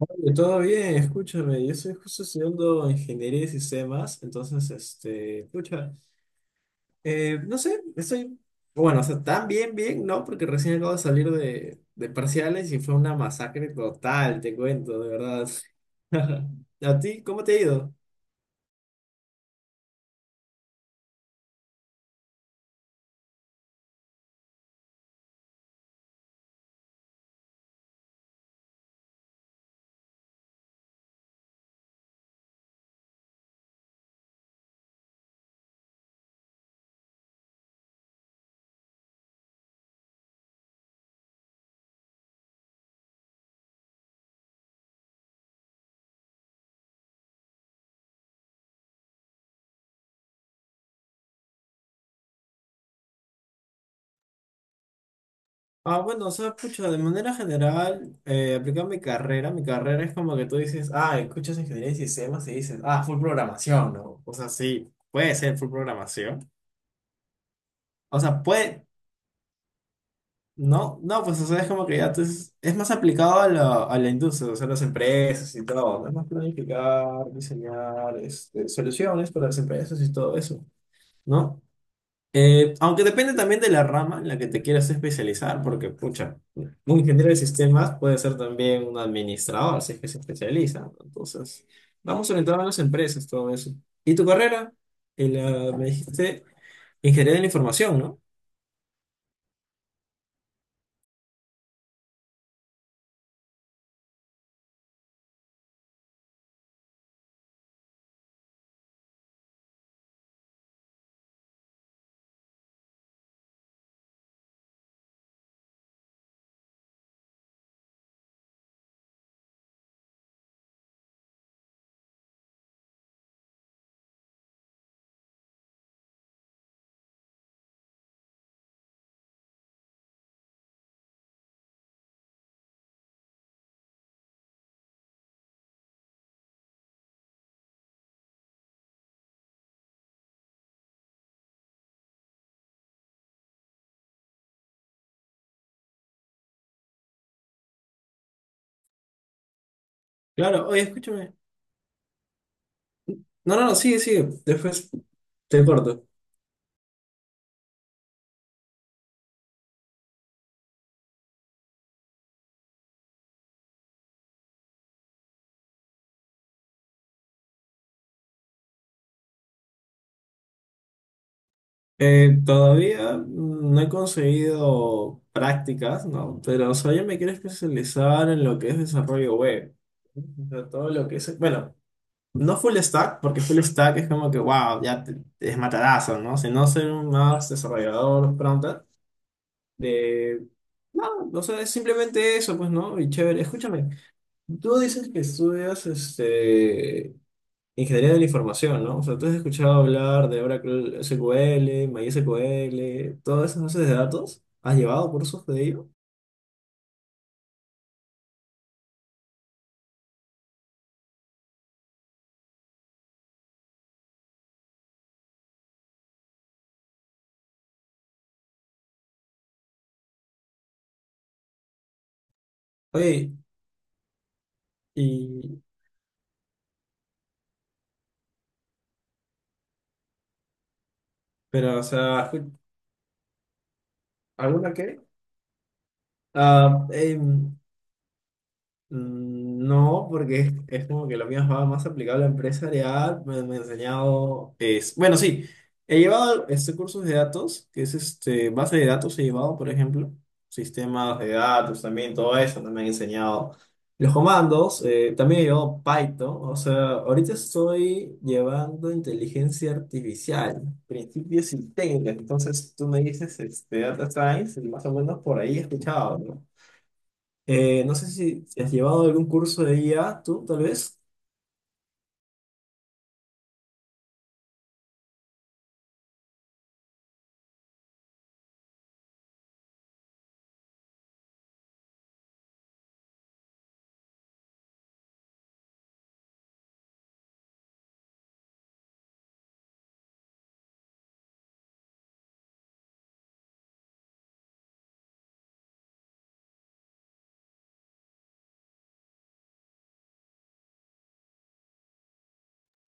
Todo bien, escúchame, yo estoy justo estudiando ingeniería y sistemas, entonces, este, escucha, no sé, estoy, bueno, o sea, tan bien, bien, ¿no? Porque recién acabo de salir de parciales y fue una masacre total, te cuento, de verdad. ¿A ti cómo te ha ido? Ah, bueno, o sea, pucha, de manera general, aplicando mi carrera es como que tú dices, ah, escuchas ingeniería y sistemas y dices, ah, full programación, ¿no? O sea, sí, puede ser full programación. O sea, puede. No, no, pues o sea, es como que ya tú es más aplicado a la industria, o sea, las empresas y todo, ¿no? Es más planificar, diseñar este, soluciones para las empresas y todo eso, ¿no? Aunque depende también de la rama en la que te quieras especializar, porque, pucha, un ingeniero de sistemas puede ser también un administrador, si es que se especializa, ¿no? Entonces, vamos orientados a las empresas, todo eso. ¿Y tu carrera? Me dijiste ingeniería de la información, ¿no? Claro, oye, escúchame. No, no, no, sí, sí, después te corto. Todavía no he conseguido prácticas, ¿no? Pero, o sea, yo me quiero especializar en lo que es desarrollo web. O sea, todo lo que es, bueno, no full stack, porque full stack es como que, wow, ya te es matadazo, ¿no? Sino ser un más desarrollador pronto de... No, o sea, es simplemente eso, pues, ¿no? Y chévere, escúchame, tú dices que estudias, este... Ingeniería de la información, ¿no? O sea, tú has escuchado hablar de Oracle SQL, MySQL, todas esas bases de datos. ¿Has llevado cursos de ello? Oye, y, pero, o sea, ¿alguna qué? Ah, mm, no, porque es como que lo mío va más aplicable a empresarial. Me ha enseñado. Es, bueno, sí, he llevado este cursos de datos, que es este, base de datos, he llevado, por ejemplo, sistemas de datos también, todo eso. También he enseñado los comandos. También he llevado Python. O sea, ahorita estoy llevando inteligencia artificial, principios y técnicas. Entonces, tú me dices este, data science, y más o menos por ahí he escuchado, ¿no? No sé si has llevado algún curso de IA, tú, tal vez.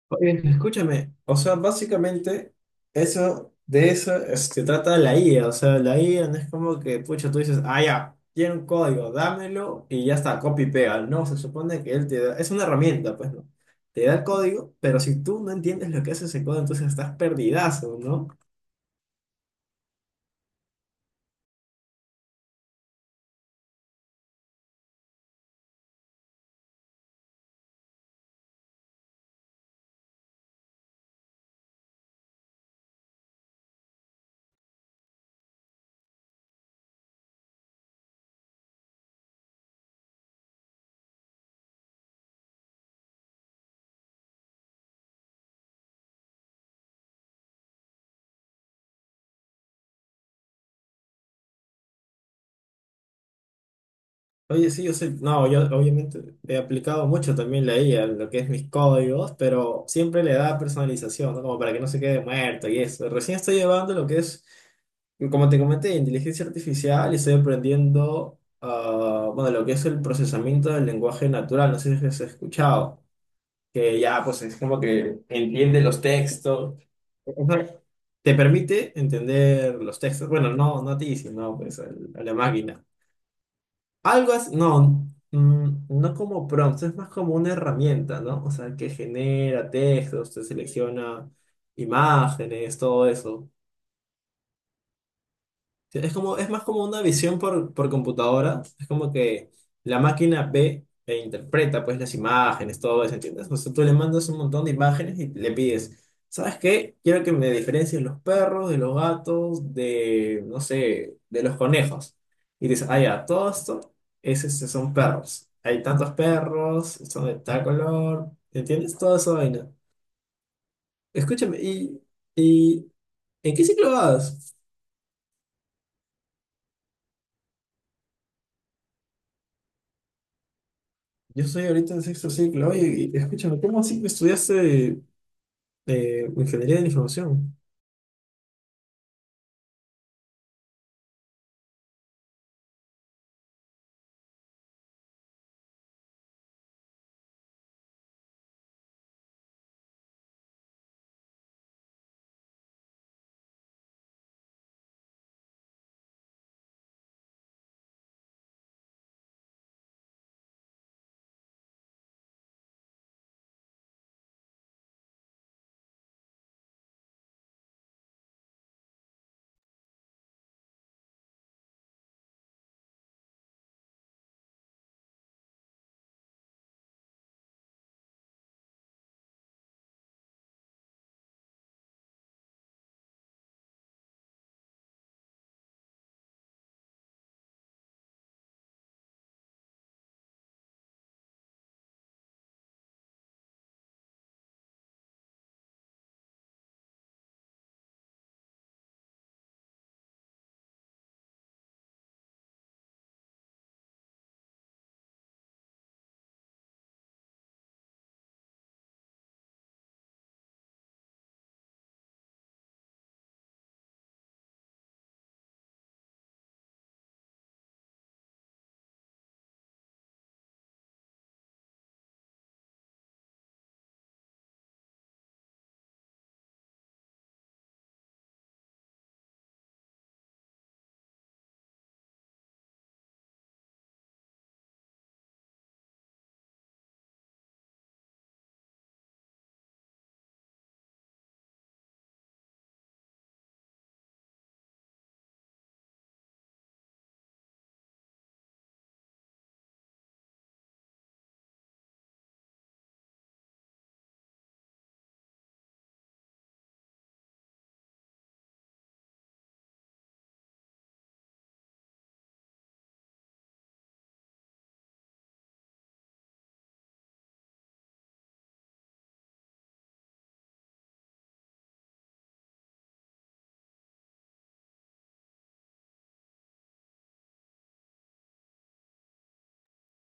Oye, escúchame, o sea, básicamente eso, se trata la IA, o sea, la IA no es como que, pucha, tú dices, ah, ya, tiene un código, dámelo y ya está, copy y pega, no, se supone que él te da, es una herramienta, pues, ¿no? Te da el código, pero si tú no entiendes lo que hace ese código, entonces estás perdidazo, ¿no? Oye, sí, yo soy, no, yo obviamente he aplicado mucho también la IA en lo que es mis códigos, pero siempre le da personalización, ¿no? Como para que no se quede muerto y eso. Recién estoy llevando lo que es, como te comenté, inteligencia artificial y estoy aprendiendo, ah, bueno, lo que es el procesamiento del lenguaje natural, no sé si has escuchado, que ya pues es como que entiende los textos. Ajá. Te permite entender los textos, bueno, no a ti, sino pues a la máquina. Algo así, no, mm, no como prompts, es más como una herramienta, ¿no? O sea, que genera textos, te selecciona imágenes, todo eso. Sí, es como, es más como una visión por computadora. Es como que la máquina ve e interpreta pues las imágenes, todo eso, ¿entiendes? O sea, tú le mandas un montón de imágenes y le pides, ¿sabes qué? Quiero que me diferencies los perros, de los gatos, de, no sé, de los conejos. Y dices, ah, ya, todo esto es, este, son perros. Hay tantos perros, son de tal color, ¿entiendes? Toda esa vaina. Escúchame, ¿y en qué ciclo vas? Yo estoy ahorita en sexto ciclo. Oye, escúchame, ¿cómo así que estudiaste ingeniería de la información?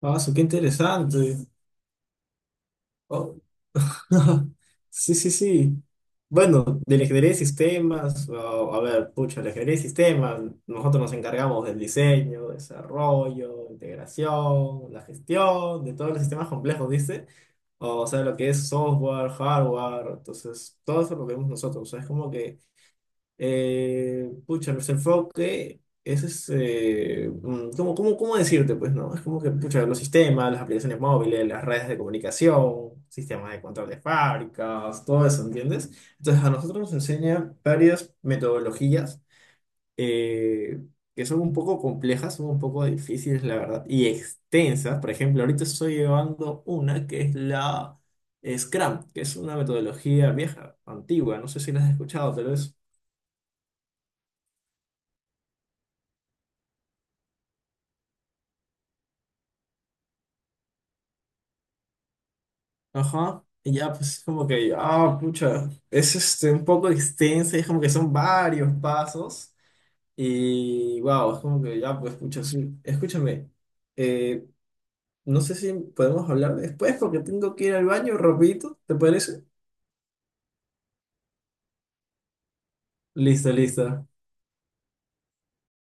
Ah, eso, qué interesante. Oh. Sí, sí, sí. Bueno, de la ingeniería de sistemas, oh, a ver, pucha, la ingeniería de sistemas, nosotros nos encargamos del diseño, desarrollo, integración, la gestión, de todos los sistemas complejos, ¿viste? O sea, lo que es software, hardware, entonces, todo eso lo vemos nosotros. O sea, es como que pucha, nuestro enfoque ese es, ¿cómo decirte? Pues, ¿no? Es como que, pucha, los sistemas, las aplicaciones móviles, las redes de comunicación, sistemas de control de fábricas, todo eso, ¿entiendes? Entonces, a nosotros nos enseñan varias metodologías eh, que son un poco complejas, son un poco difíciles, la verdad, y extensas. Por ejemplo, ahorita estoy llevando una que es la Scrum, que es una metodología vieja, antigua, no sé si la has escuchado, tal vez. Ajá. Y ya, pues como que, ah, pucha, es este, un poco extensa, es como que son varios pasos. Y wow, es como que ya, pues pucha, sí. Escúchame, eh, no sé si podemos hablar después porque tengo que ir al baño, rapidito, ¿te parece? Listo, listo.